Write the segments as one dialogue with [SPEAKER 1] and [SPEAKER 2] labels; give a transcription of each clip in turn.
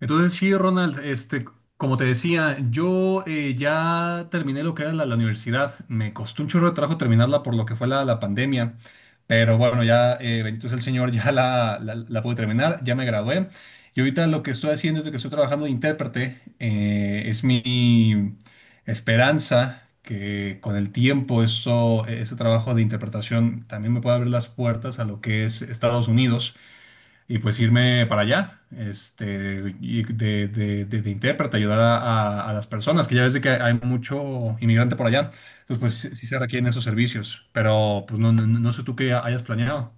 [SPEAKER 1] Entonces, sí, Ronald, este, como te decía, yo ya terminé lo que era la universidad. Me costó un chorro de trabajo terminarla por lo que fue la pandemia. Pero bueno, ya, bendito sea el Señor, ya la pude terminar, ya me gradué. Y ahorita lo que estoy haciendo es de que estoy trabajando de intérprete. Es mi esperanza que con el tiempo eso, ese trabajo de interpretación también me pueda abrir las puertas a lo que es Estados Unidos y pues irme para allá, este, y de intérprete, ayudar a las personas, que ya ves de que hay mucho inmigrante por allá, entonces pues sí, sí se requieren esos servicios, pero pues no sé tú qué hayas planeado.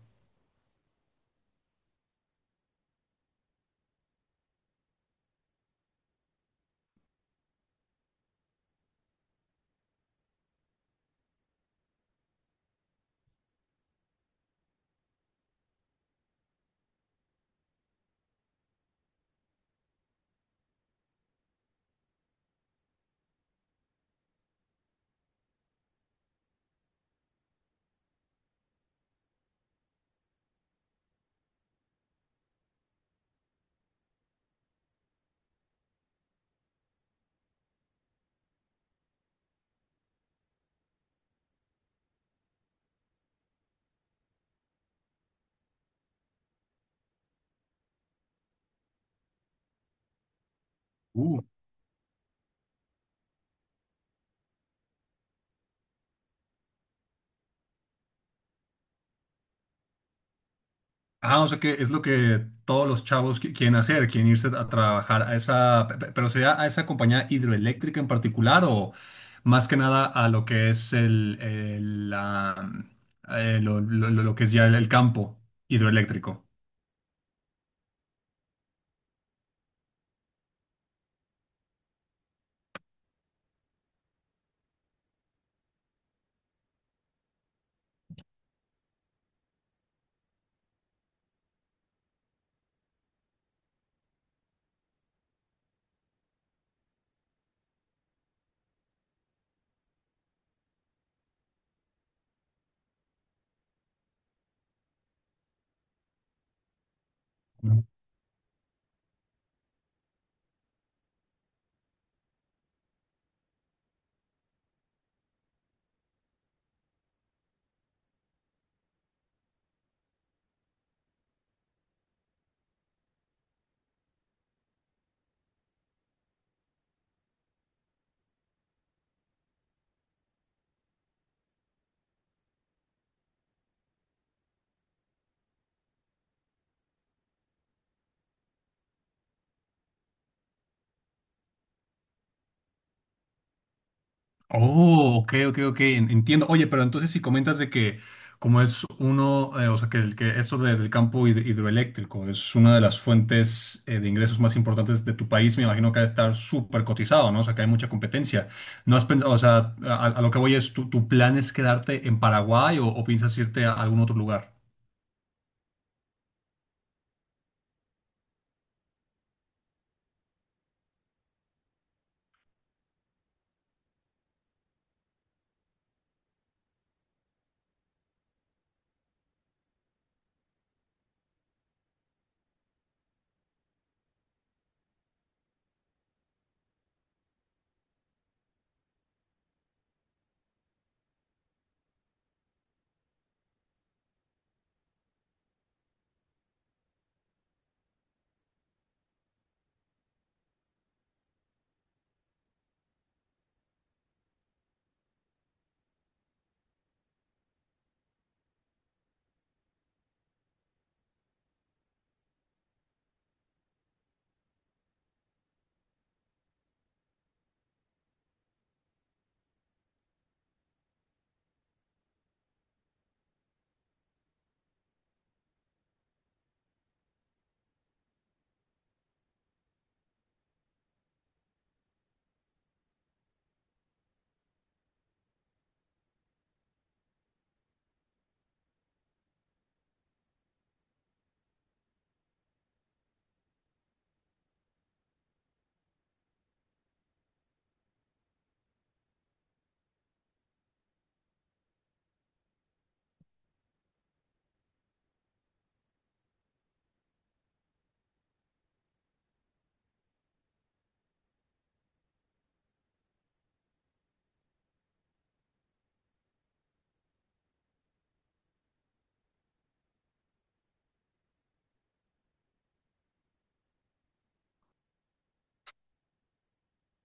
[SPEAKER 1] Uh. Ah, o sea que es lo que todos los chavos quieren hacer, quieren irse a trabajar a esa, pero sería a esa compañía hidroeléctrica en particular o más que nada a lo que es la, lo que es ya el campo hidroeléctrico. Oh, ok, ok, ok, entiendo. Oye, pero entonces si comentas de que como es uno, o sea, que, que esto del campo hidroeléctrico es una de las fuentes de ingresos más importantes de tu país, me imagino que ha de estar súper cotizado, ¿no? O sea, que hay mucha competencia. ¿No has pensado, o sea, a lo que voy es, ¿tu, tu plan es quedarte en Paraguay o piensas irte a algún otro lugar?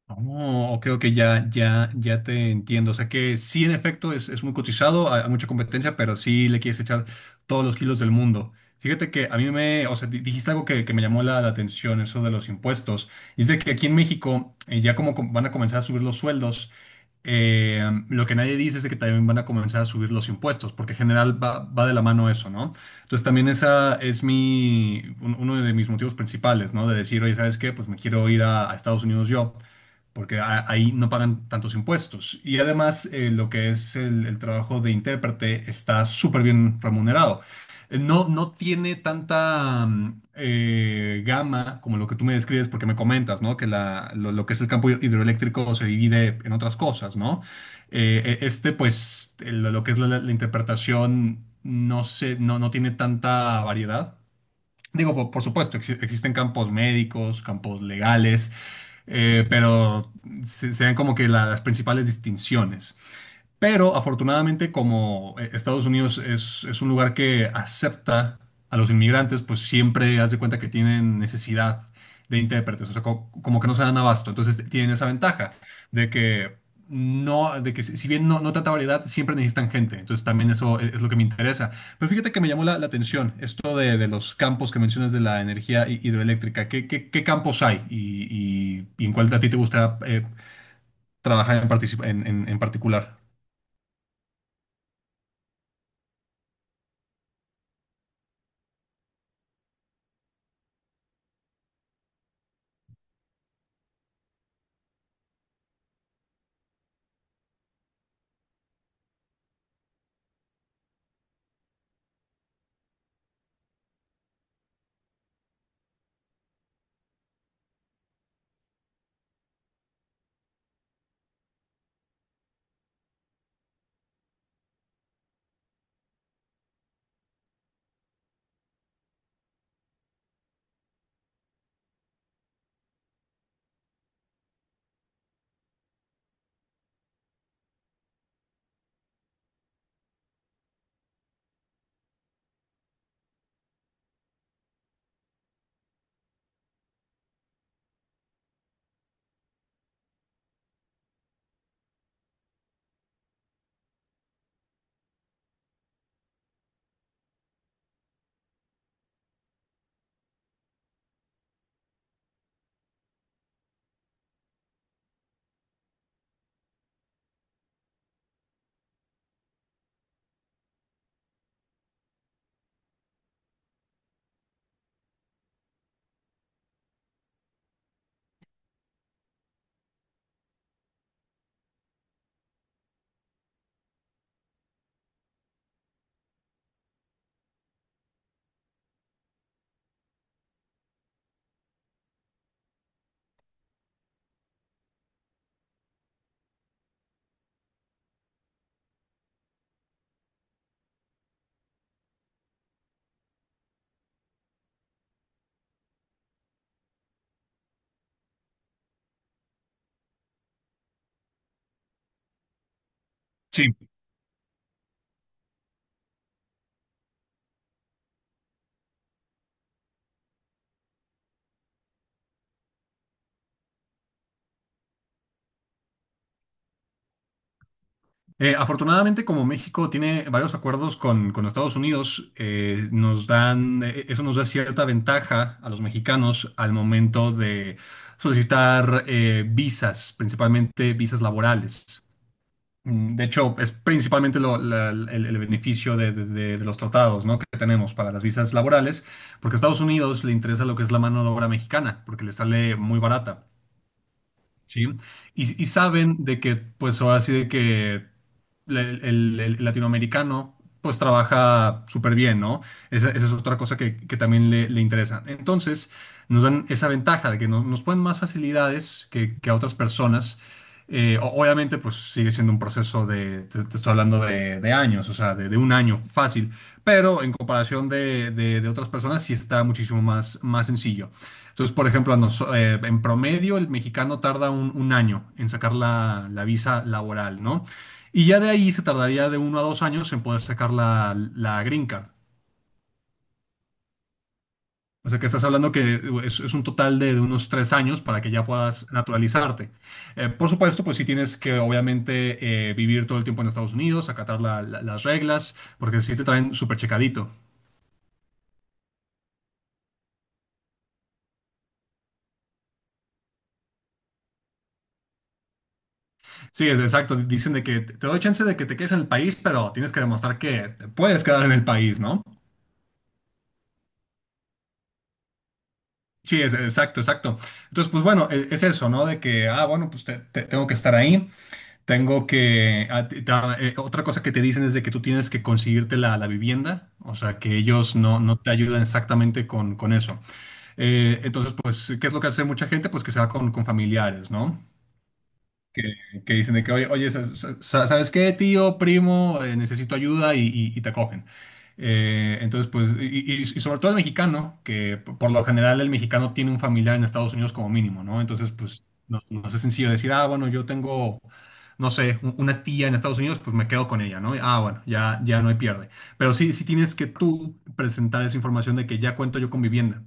[SPEAKER 1] Oh, ok, ok, ya, ya, ya te entiendo. O sea que sí, en efecto, es muy cotizado, hay mucha competencia, pero sí le quieres echar todos los kilos del mundo. Fíjate que a mí me, o sea, dijiste algo que me llamó la atención, eso de los impuestos. Y es de que aquí en México, ya como van a comenzar a subir los sueldos, eh, lo que nadie dice es de que también van a comenzar a subir los impuestos, porque en general va, va de la mano eso, ¿no? Entonces también esa es mi, uno de mis motivos principales, ¿no? De decir, oye, ¿sabes qué? Pues me quiero ir a Estados Unidos yo porque ahí no pagan tantos impuestos. Y además, lo que es el trabajo de intérprete está súper bien remunerado. No, no tiene tanta gama como lo que tú me describes, porque me comentas, ¿no? Que lo que es el campo hidroeléctrico se divide en otras cosas, ¿no? Este, pues, lo que es la interpretación no se, no, no tiene tanta variedad. Digo, por supuesto, existen campos médicos, campos legales, pero se ven como que las principales distinciones. Pero afortunadamente, como Estados Unidos es un lugar que acepta a los inmigrantes, pues siempre haz de cuenta que tienen necesidad de intérpretes, o sea, como, que no se dan abasto. Entonces tienen esa ventaja de que no, de que si bien no, no tanta variedad, siempre necesitan gente. Entonces también eso es, lo que me interesa. Pero fíjate que me llamó la atención esto de los campos que mencionas de la energía hidroeléctrica. ¿Qué, qué, qué campos hay y, y en cuál a ti te gusta trabajar en, en en particular? Sí. Afortunadamente, como México tiene varios acuerdos con Estados Unidos, nos dan, eso nos da cierta ventaja a los mexicanos al momento de solicitar visas, principalmente visas laborales. De hecho, es principalmente el beneficio de, de los tratados, ¿no? Que tenemos para las visas laborales, porque a Estados Unidos le interesa lo que es la mano de obra mexicana, porque le sale muy barata. ¿Sí? Y saben de que, pues ahora sí de que le- el latinoamericano, pues trabaja súper bien, ¿no? Esa es otra cosa que también le interesa. Entonces, nos dan esa ventaja de que nos ponen más facilidades que a otras personas. Obviamente, pues sigue siendo un proceso de, te estoy hablando de años, o sea, de un año fácil, pero en comparación de, de otras personas sí está muchísimo más, más sencillo. Entonces, por ejemplo, en promedio el mexicano tarda un año en sacar la visa laboral, ¿no? Y ya de ahí se tardaría de uno a dos años en poder sacar la green card. O sea que estás hablando que es un total de unos tres años para que ya puedas naturalizarte. Por supuesto, pues sí tienes que obviamente vivir todo el tiempo en Estados Unidos, acatar las reglas, porque sí te traen súper checadito. Sí, es exacto. Dicen de que te doy chance de que te quedes en el país, pero tienes que demostrar que te puedes quedar en el país, ¿no? Sí, es, exacto, exacto. Entonces, pues bueno, es, eso, ¿no? De que, ah, bueno, pues tengo que estar ahí, tengo que... ah, otra cosa que te dicen es de que tú tienes que conseguirte la vivienda, o sea, que ellos no, no te ayudan exactamente con eso. Entonces, pues, ¿qué es lo que hace mucha gente? Pues que se va con familiares, ¿no? que, que dicen de que, oye, oye, ¿sabes qué, tío, primo? Necesito ayuda y, y te acogen. Entonces, pues, y, y sobre todo el mexicano, que por lo general el mexicano tiene un familiar en Estados Unidos como mínimo, ¿no? Entonces, pues, no, no es sencillo decir, ah, bueno, yo tengo, no sé, una tía en Estados Unidos, pues me quedo con ella, ¿no? Ah, bueno, ya, ya no hay pierde. Pero sí, sí tienes que tú presentar esa información de que ya cuento yo con vivienda.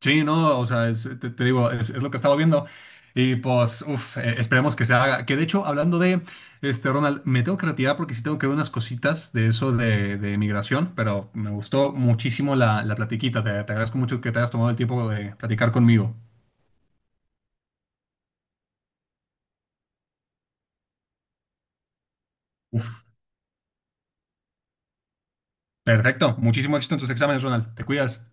[SPEAKER 1] Sí, no, o sea, te, te digo, es lo que estaba viendo. Y pues, uff, esperemos que se haga. Que de hecho, hablando de, este, Ronald, me tengo que retirar porque sí tengo que ver unas cositas de eso de migración, pero me gustó muchísimo la platiquita. Te agradezco mucho que te hayas tomado el tiempo de platicar conmigo. Uf, perfecto. Muchísimo éxito en tus exámenes, Ronald. Te cuidas.